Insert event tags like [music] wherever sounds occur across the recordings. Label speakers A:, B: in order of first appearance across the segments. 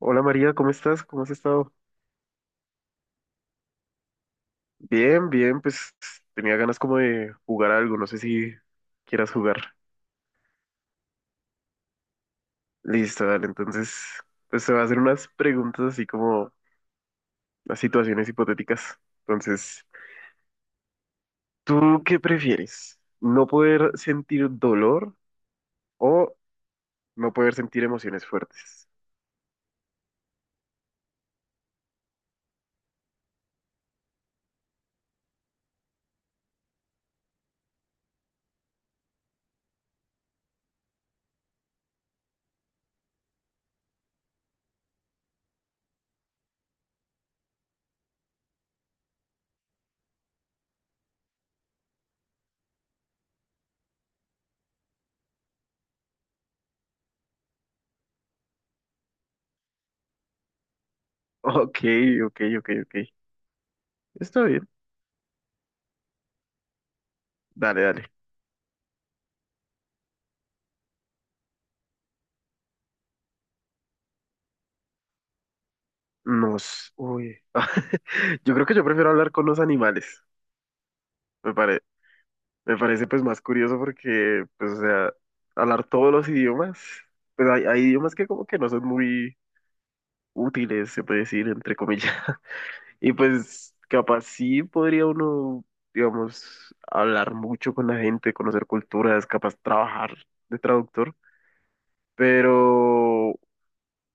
A: Hola María, ¿cómo estás? ¿Cómo has estado? Bien, bien, pues tenía ganas como de jugar algo, no sé si quieras jugar. Listo, dale, entonces, pues te voy a hacer unas preguntas así como las situaciones hipotéticas. Entonces, ¿tú qué prefieres? ¿No poder sentir dolor o no poder sentir emociones fuertes? [laughs] Ok, ok, ok, ok. Está bien, dale, dale. Uy. [laughs] Yo creo que yo prefiero hablar con los animales, me parece. Me parece pues más curioso porque, pues, o sea, hablar todos los idiomas, pues hay idiomas que como que no son muy útiles, se puede decir, entre comillas. [laughs] Y pues capaz sí podría uno, digamos, hablar mucho con la gente, conocer culturas, capaz trabajar de traductor, pero,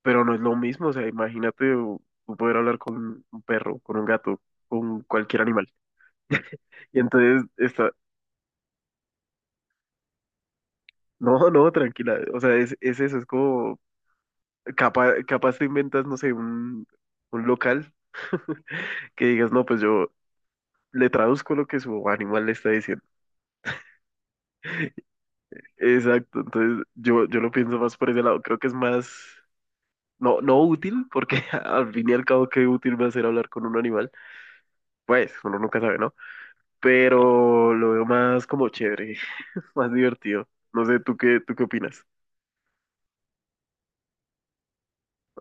A: pero no es lo mismo, o sea, imagínate tú poder hablar con un perro, con un gato, con cualquier animal. Y entonces está, no, no, tranquila, o sea, es eso, es como Capaz te inventas, no sé, un local [laughs] que digas, no, pues yo le traduzco lo que su animal le está diciendo. Exacto, entonces yo lo pienso más por ese lado, creo que es más, no, no útil, porque [laughs] al fin y al cabo qué útil va a ser hablar con un animal, pues uno nunca sabe, ¿no? Pero lo veo más como chévere, [laughs] más divertido. No sé, tú qué opinas?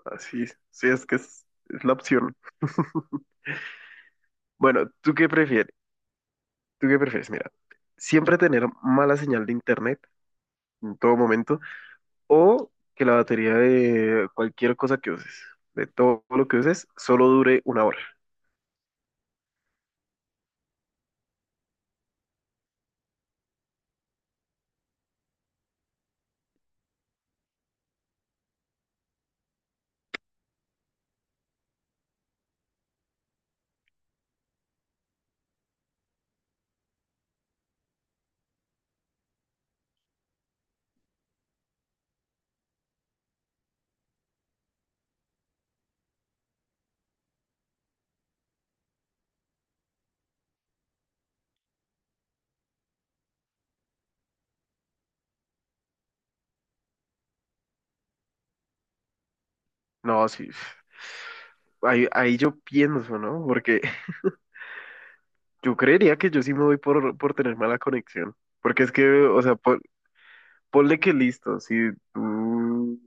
A: Así, sí, sí, es que es la opción. [laughs] Bueno, ¿tú qué prefieres? ¿Tú qué prefieres? Mira, siempre tener mala señal de internet en todo momento, o que la batería de cualquier cosa que uses, de todo lo que uses, solo dure una hora. No, sí. Ahí yo pienso, ¿no? Porque [laughs] yo creería que yo sí me voy por tener mala conexión. Porque es que, o sea, ponle que listo, si tú,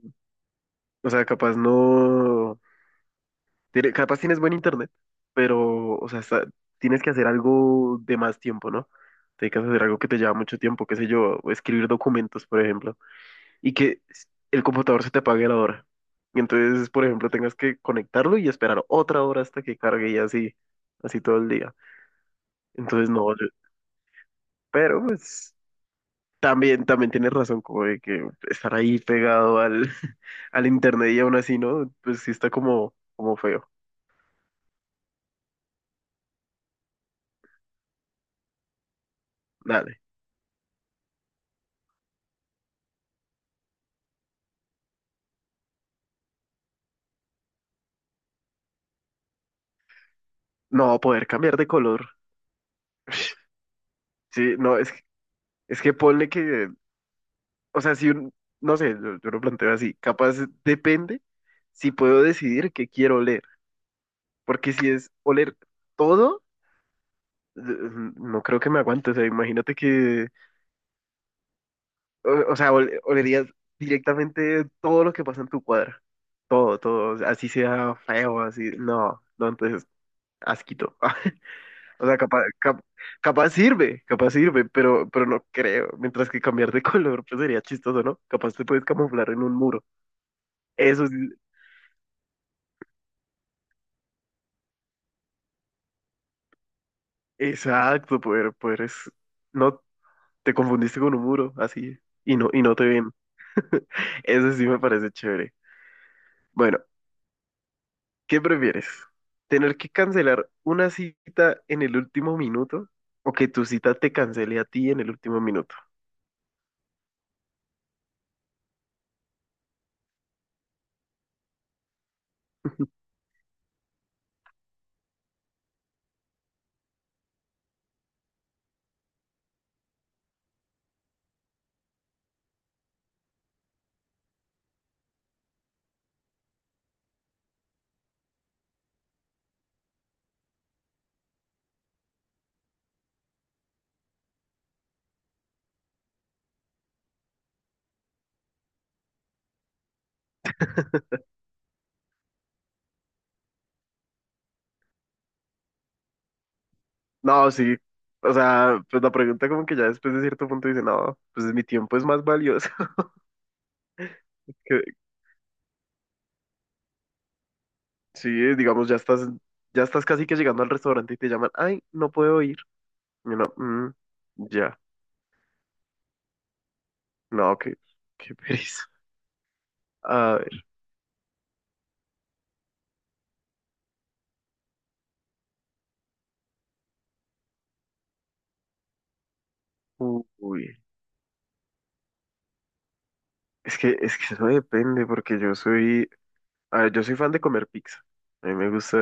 A: o sea, capaz no, capaz tienes buen internet, pero, o sea, tienes que hacer algo de más tiempo, ¿no? Tienes que hacer algo que te lleva mucho tiempo, qué sé yo, escribir documentos, por ejemplo, y que el computador se te apague a la hora. Y entonces, por ejemplo, tengas que conectarlo y esperar otra hora hasta que cargue y así, así todo el día. Entonces, no, yo, pero pues también tienes razón, como de que estar ahí pegado al, [laughs] al internet y aún así, ¿no? Pues sí está como feo. Dale. No, poder cambiar de color. Sí, no, es que ponle que, o sea, si un, no sé, yo lo planteo así, capaz depende si puedo decidir qué quiero leer. Porque si es oler todo, no creo que me aguante. O sea, imagínate que, o sea, olerías directamente todo lo que pasa en tu cuadra. Todo, todo. O sea, así sea feo, así. No, no, entonces, asquito. [laughs] O sea, capaz sirve, pero no creo. Mientras que cambiar de [laughs] color, pues sería chistoso, ¿no? Capaz te puedes camuflar en un muro. Eso sí, exacto, poder no, te confundiste con un muro, así, y no te ven. Eso sí me parece chévere. Bueno, ¿qué prefieres? ¿Tener que cancelar una cita en el último minuto o que tu cita te cancele a ti en el último minuto? [laughs] No, sí. O sea, pues la pregunta como que ya después de cierto punto dice, no, pues mi tiempo es más valioso. [laughs] Que, sí, digamos, ya estás casi que llegando al restaurante y te llaman, ay, no puedo ir. Y uno, "Mm, ya, no, qué pereza. A ver, uy, es que eso depende porque a ver, yo soy fan de comer pizza. A mí me gusta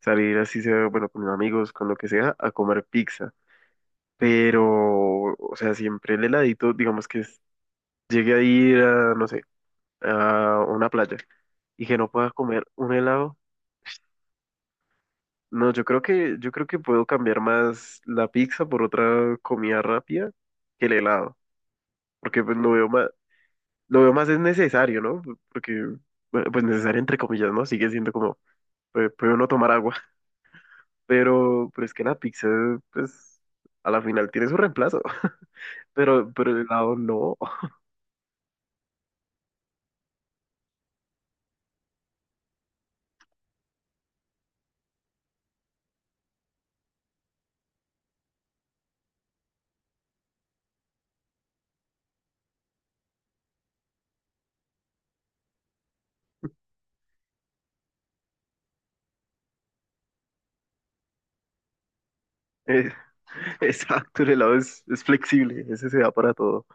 A: salir así sea, bueno, con mis amigos, con lo que sea, a comer pizza. Pero, o sea, siempre el heladito, digamos que llegue a ir a, no sé, a una playa y que no pueda comer un helado. No, yo creo que puedo cambiar más la pizza por otra comida rápida que el helado. Porque pues lo veo más es necesario, ¿no? Porque, bueno, pues necesario entre comillas, ¿no? Sigue siendo como, pues, puede uno tomar agua. Pero es que la pizza, pues, a la final tiene su reemplazo. [laughs] Pero el helado no. [laughs] Eh, exacto, el helado es flexible, ese se da para todo.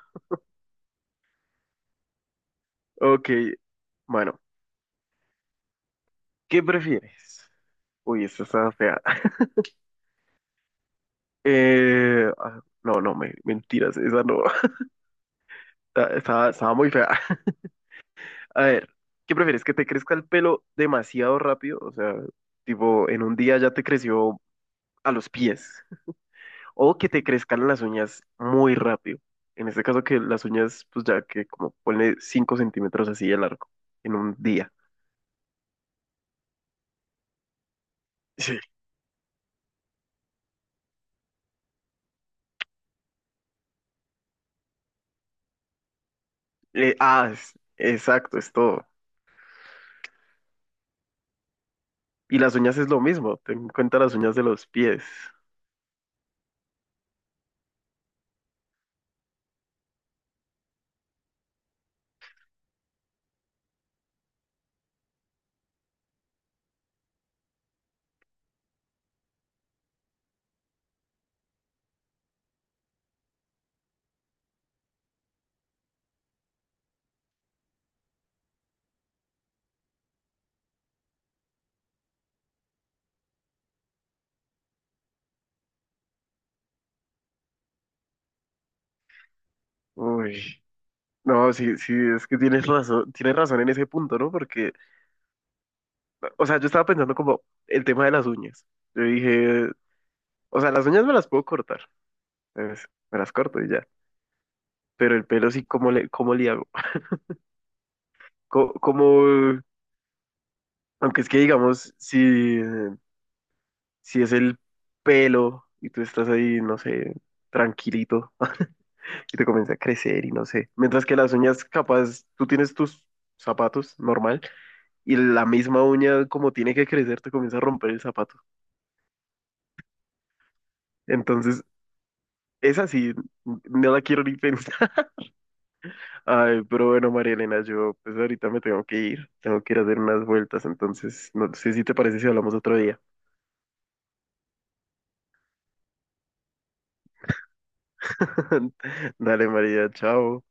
A: Ok, bueno, ¿qué prefieres? Uy, esta está fea. [laughs] Ah, no, no, mentiras, esa no. [laughs] Estaba muy fea. [laughs] A ver, ¿qué prefieres? ¿Que te crezca el pelo demasiado rápido? O sea, tipo, en un día ya te creció a los pies. O que te crezcan las uñas muy rápido. En este caso que las uñas, pues ya que como ponle 5 cm así de largo en un día. Sí. Ah, exacto, es todo. Y las uñas es lo mismo, ten en cuenta las uñas de los pies. Uy. No, sí, sí, es que tienes razón en ese punto, ¿no? Porque, o sea, yo estaba pensando como el tema de las uñas. Yo dije, o sea, las uñas me las puedo cortar, pues, me las corto y ya. Pero el pelo sí, ¿cómo le hago? [laughs] ¿Cómo, aunque es que digamos, si es el pelo y tú estás ahí, no sé, tranquilito [laughs] y te comienza a crecer y no sé. Mientras que las uñas, capaz, tú tienes tus zapatos normal y la misma uña como tiene que crecer te comienza a romper el zapato. Entonces, es así, no la quiero ni pensar. [laughs] Ay, pero bueno, María Elena, yo pues ahorita me tengo que ir a hacer unas vueltas, entonces no sé si te parece si hablamos otro día. [laughs] Dale, María, chao.